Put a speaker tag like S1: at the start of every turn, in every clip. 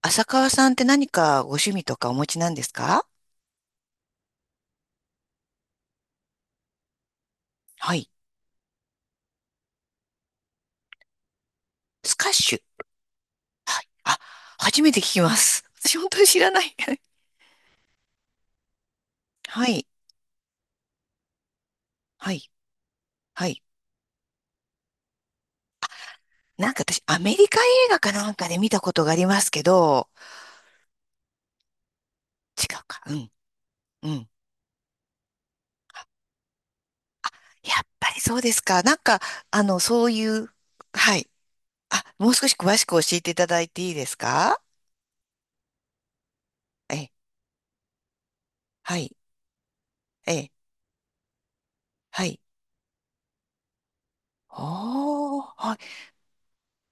S1: 浅川さんって何かご趣味とかお持ちなんですか？はい。スカッシュ。はい。あ、初めて聞きます。私本当に知らない。はい。はい。はい。なんか私、アメリカ映画かなんかで見たことがありますけど、違うか。うん。うん。やっぱりそうですか。なんか、そういう、はい。あ、もう少し詳しく教えていただいていいですか？え、はい。え、はい。おー、は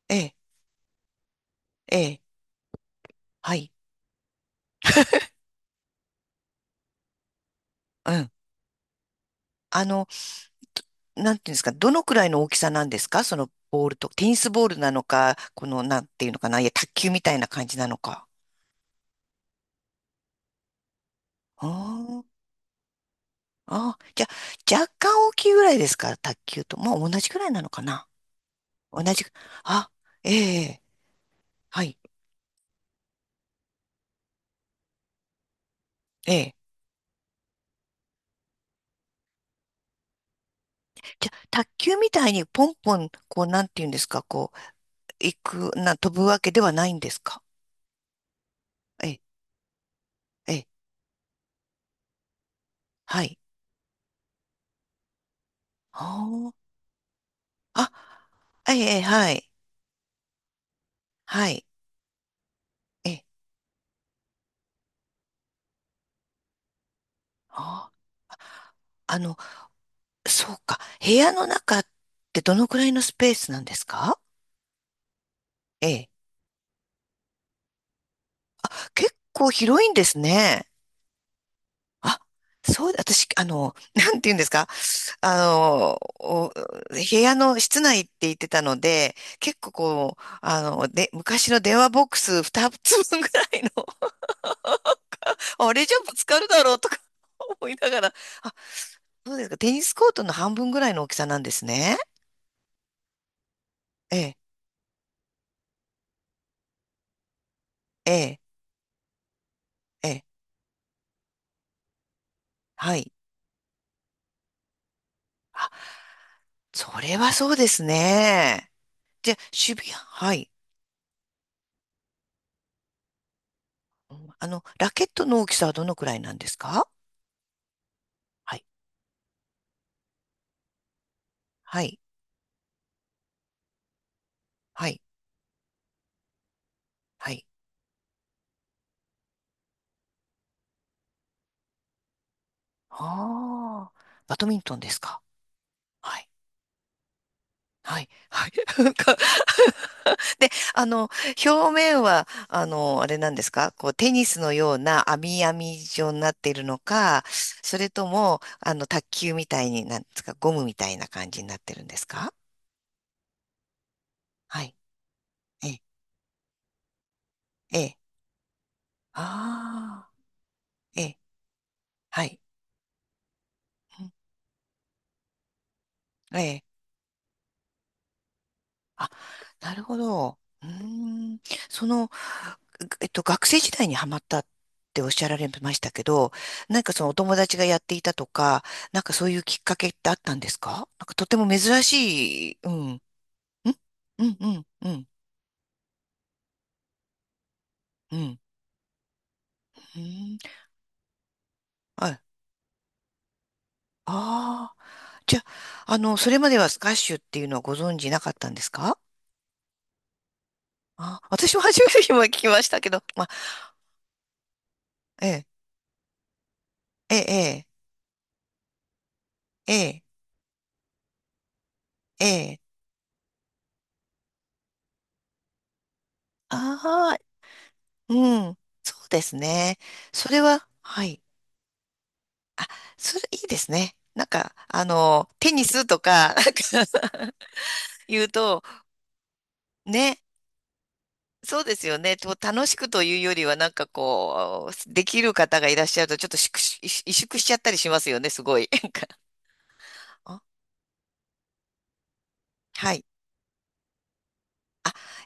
S1: い。え、え、はい。うん。あの、なんていうんですか、どのくらいの大きさなんですか？そのボールと、テニスボールなのか、この、なんていうのかな、いや、卓球みたいな感じなのか。あああー、じゃあ、若干大きいぐらいですか？卓球と。もう同じぐらいなのかな。同じ、あ、ええ、はい、ええ。じゃあ、卓球みたいにポンポン、こう、なんていうんですか、こう、行く、な、飛ぶわけではないんですか？ええ、ええ、はい。あーあ、ええ、はい、はい、ええ、あー、あの、そうか。部屋の中ってどのくらいのスペースなんですか？ええ。結構広いんですね。あ、そう、私、なんて言うんですか。お部屋の室内って言ってたので、結構こう、で、昔の電話ボックス2つ分ぐらいの、あれじゃぶつかるだろうとか 思いながら、あ、そうですか。テニスコートの半分ぐらいの大きさなんですね。ええ、ええ、ええ、はい。あ、それはそうですね。じゃあ、渋谷、はい。ラケットの大きさはどのくらいなんですか？はい、はい、はい、はい。ああ、バドミントンですか？はい、はい、はい。なんか で、表面は、あれなんですか？こう、テニスのような網網状になっているのか、それとも、卓球みたいに、なんですか、ゴムみたいな感じになってるんですか？はい、ええ、ええ、ああ、ええ、はい、うん、ええ。あ、なるほど。うーん。その、学生時代にハマったっておっしゃられましたけど、なんかそのお友達がやっていたとか、なんかそういうきっかけってあったんですか？なんかとても珍しい。うん。ん、うんうんうんうん。うん。はい。ああ。じゃあ、それまではスカッシュっていうのはご存知なかったんですか？あ、私も初めて今聞きましたけど、まあ、ええ、ええ、ええ、ええ、ああ、うん、そうですね。それは、はい。あ、それいいですね。なんか、テニスとか、なんか 言うと、ね、そうですよね。と楽しくというよりは、なんかこう、できる方がいらっしゃると、ちょっと萎縮しちゃったりしますよね、すごい。なんか、あ、はい。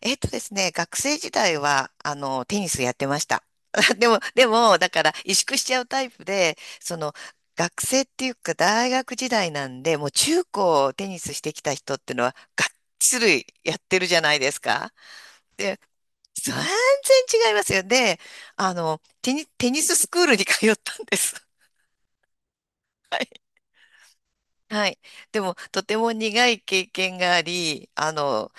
S1: えっとですね、学生時代は、テニスやってました。でも、だから、萎縮しちゃうタイプで、その、学生っていうか、大学時代なんで、もう中高テニスしてきた人ってのは、がっつりやってるじゃないですか。で、全然違いますよ。で、テニススクールに通ったんです。はい。はい。でも、とても苦い経験があり、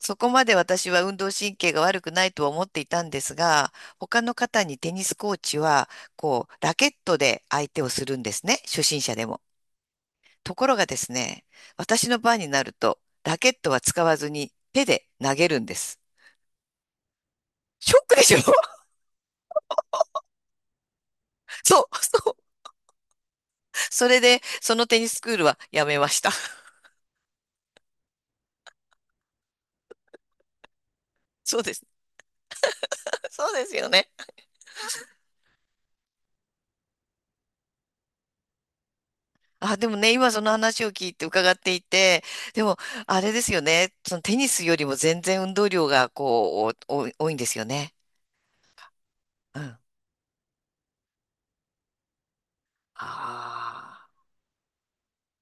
S1: そこまで私は運動神経が悪くないとは思っていたんですが、他の方にテニスコーチは、こう、ラケットで相手をするんですね。初心者でも。ところがですね、私の番になると、ラケットは使わずに手で投げるんです。ショックでしょ。 そう、そう。それで、そのテニススクールはやめました。そうです。そうですよね。あ、でもね、今その話を聞いて伺っていて、でも、あれですよね、そのテニスよりも全然運動量がこう、お多いんですよね。うん。ああ、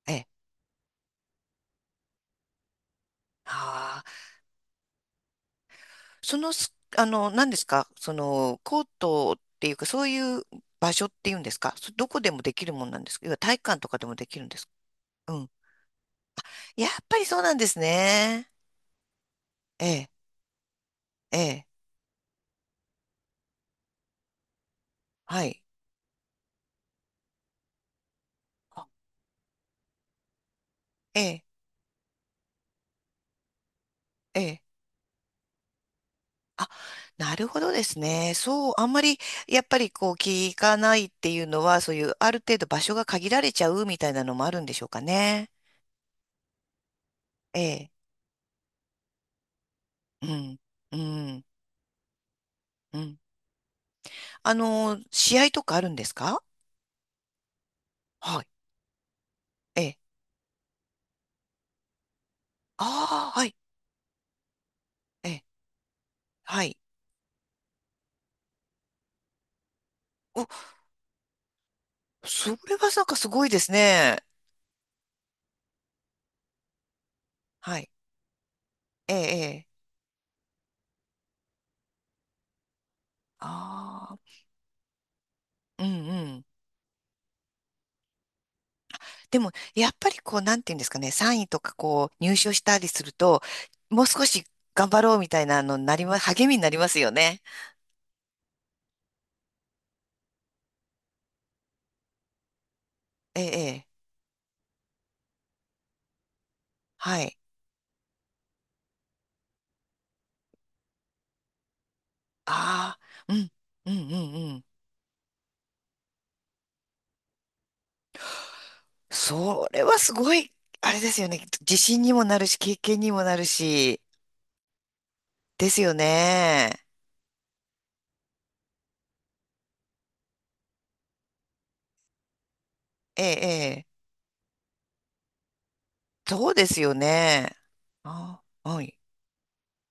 S1: ええ、ああ、そのす、何ですか、その、コートっていうか、そういう場所っていうんですか、そどこでもできるもんなんですか、要は体育館とかでもできるんですか。うん。やっぱりそうなんですね。ええ、ええ、はい。あ、ええ、ええ。あ、なるほどですね。そう、あんまり、やっぱりこう、聞かないっていうのは、そういう、ある程度場所が限られちゃうみたいなのもあるんでしょうかね。ええ。うん。うん。うん。あのー、試合とかあるんですか？はい。ええ。ああ、はい。ええ。はい。お、それはなんかすごいですね。はい。ええ、ええ。ああ、うんうん。でも、やっぱりこう、なんていうんですかね、3位とかこう、入賞したりすると、もう少し頑張ろうみたいなのになりま、励みになりますよね。ええ、ええ、はい。ああ、うん、うん、うん、うん。それはすごい、あれですよね。自信にもなるし、経験にもなるし、ですよね。ええ、ええ、そうですよね。ああ、はい。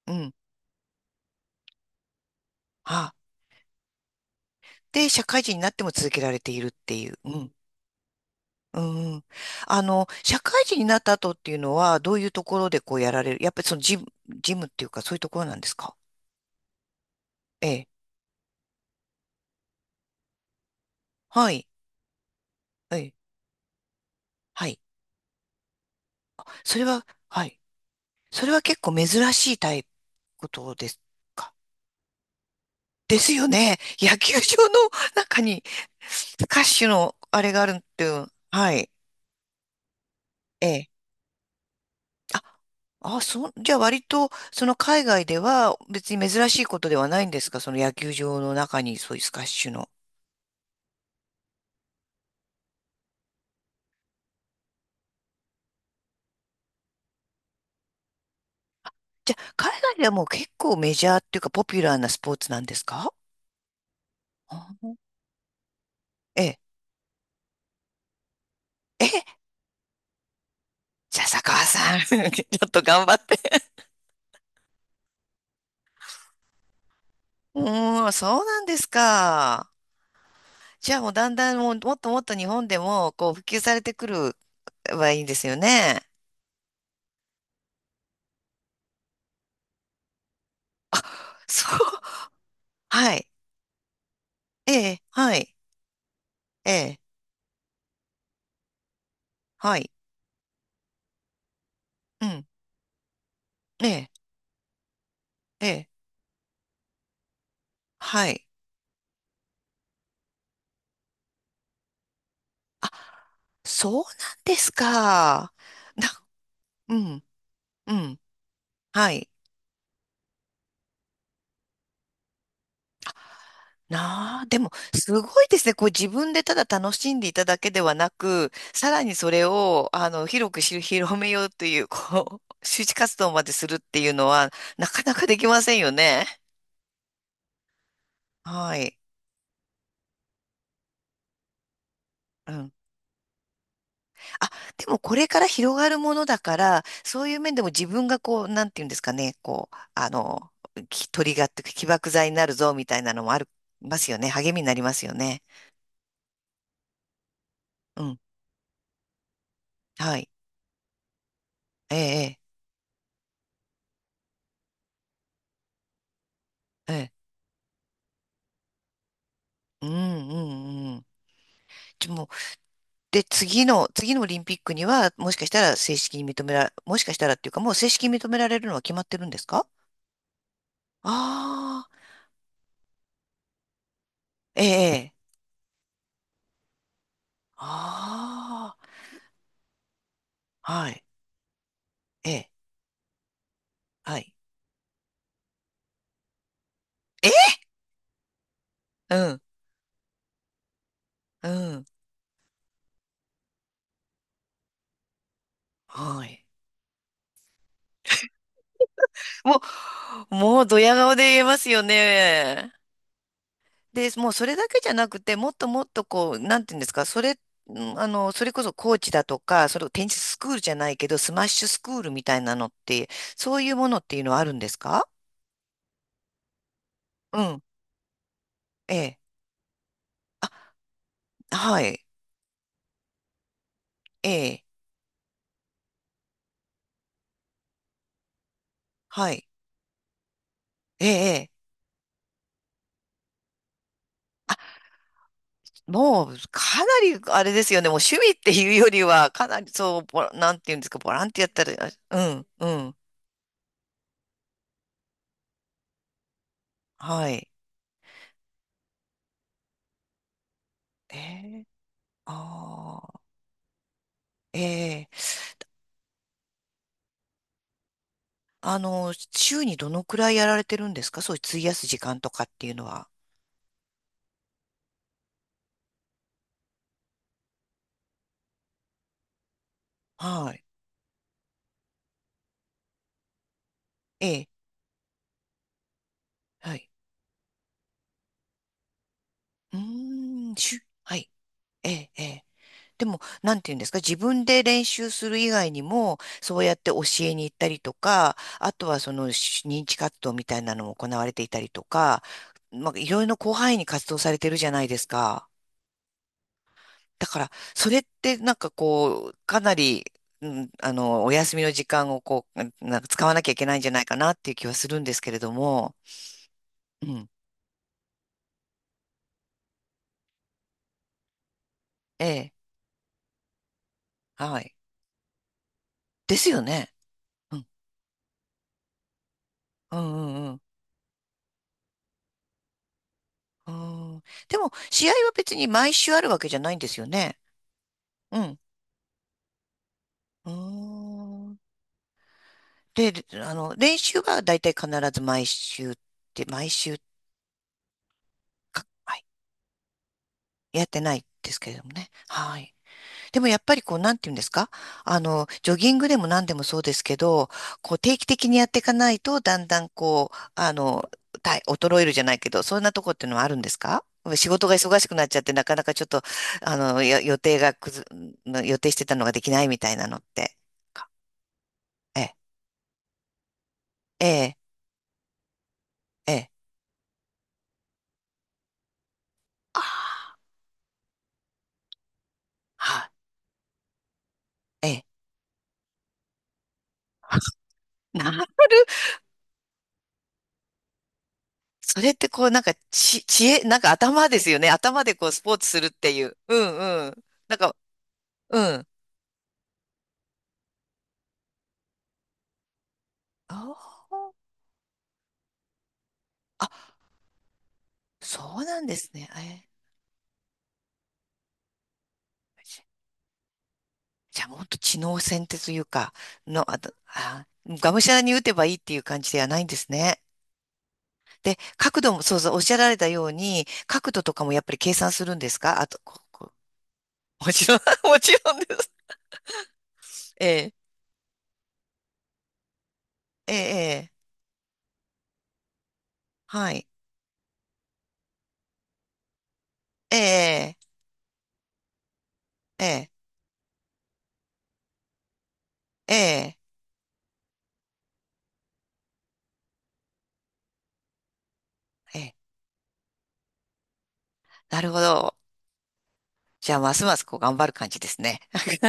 S1: うん。あ、で、社会人になっても続けられているっていう。うん。うん。社会人になった後っていうのは、どういうところでこうやられる？やっぱりそのジム、ジムっていうか、そういうところなんですか？ええ。はい。ええ。はい。それは、はい。それは結構珍しいタイプことですか？ですよね。野球場の中に、スカッシュのあれがあるっていう。はい。ええ。あ、あ、そう、じゃあ割と、その海外では別に珍しいことではないんですか？その野球場の中にそういうスカッシュの。じゃあ、海外ではもう結構メジャーっていうかポピュラーなスポーツなんですか？あ、ええ。ええ、じゃあ、坂川さん、ちょっと頑張って。うーん、そうなんですか。じゃあもうだんだんもうもっともっと日本でもこう普及されてくるはいいんですよね。そう。はい。ええ、はい。ええ、はい。うん。ええ、ええ、はい。あ、そうなんですか。な、うん、うん。はい。なあ、でも、すごいですね。こう自分でただ楽しんでいただけではなく、さらにそれを、広くし 広めようという、こう、周知活動までするっていうのは、なかなかできませんよね。はい。うん。あ、でもこれから広がるものだから、そういう面でも自分がこう、なんていうんですかね、こう、きトリガーっていうか起爆剤になるぞみたいなのもありますよね。励みになりますよね。うん。はい。ええ、ええ、ええ。うん、うん、うん。ちょで、次の、次のオリンピックには、もしかしたら正式に認めら、もしかしたらっていうか、もう正式に認められるのは決まってるんですか？ああー、ええ、ああ、はい、ええ、はい。え、うん、うん、はい。ももうドヤ顔で言えますよね。で、もうそれだけじゃなくて、もっとこう、なんていうんですか、それ、んあの、それこそコーチだとか、それをテニススクールじゃないけど、スマッシュスクールみたいなのって、そういうものっていうのはあるんですか？うん。ええ。あ、はい。ええ。はい。ええ。ええ、あ、もう、かなり、あれですよね。もう趣味っていうよりは、かなり、そう、なんていうんですか、ボランティアやったら、あうん、うん。はい。ええ。ああ。ええ。あの、週にどのくらいやられてるんですか？そういう費やす時間とかっていうのは。はい。ええ。はい。うーん、はい。ええ。ええ、でも、なんていうんですか、自分で練習する以外にも、そうやって教えに行ったりとか、あとはその認知活動みたいなのも行われていたりとか、まあ、いろいろな広範囲に活動されてるじゃないですか。だから、それってなんかこう、かなり、お休みの時間をこう、なんか使わなきゃいけないんじゃないかなっていう気はするんですけれども、うん、ええ、はい。ですよね。うん、うん、うん、うん。うん、でも、試合は別に毎週あるわけじゃないんですよね。うん。うーん。で、あの、練習はだいたい必ず毎週、はい、やってないですけれどもね。はい。でもやっぱりこう、なんていうんですか、あの、ジョギングでも何でもそうですけど、こう、定期的にやっていかないと、だんだんこう、あの、体衰えるじゃないけど、そんなとこってのはあるんですか？仕事が忙しくなっちゃって、なかなかちょっと、あの、よ予定がくず、予定してたのができないみたいなのって。ええ、ええ、ええ。ああ。はい、ええ。なる。それってこう、なんか、知恵、なんか頭ですよね。頭でこう、スポーツするっていう。うんうん。なんか、うん。あー、あ、そうなんですね。え、じじゃあ、もっと知能戦ってというか、の、あと、あ、がむしゃらに打てばいいっていう感じではないんですね。で、角度も、そうそう、おっしゃられたように、角度とかもやっぱり計算するんですか？あと、こ、こ、もちろん、もちろんです。ええ、ええ、ええ、はい。ええ、ええ、ええ。ええ、なるほど。じゃあ、ますますこう頑張る感じですね。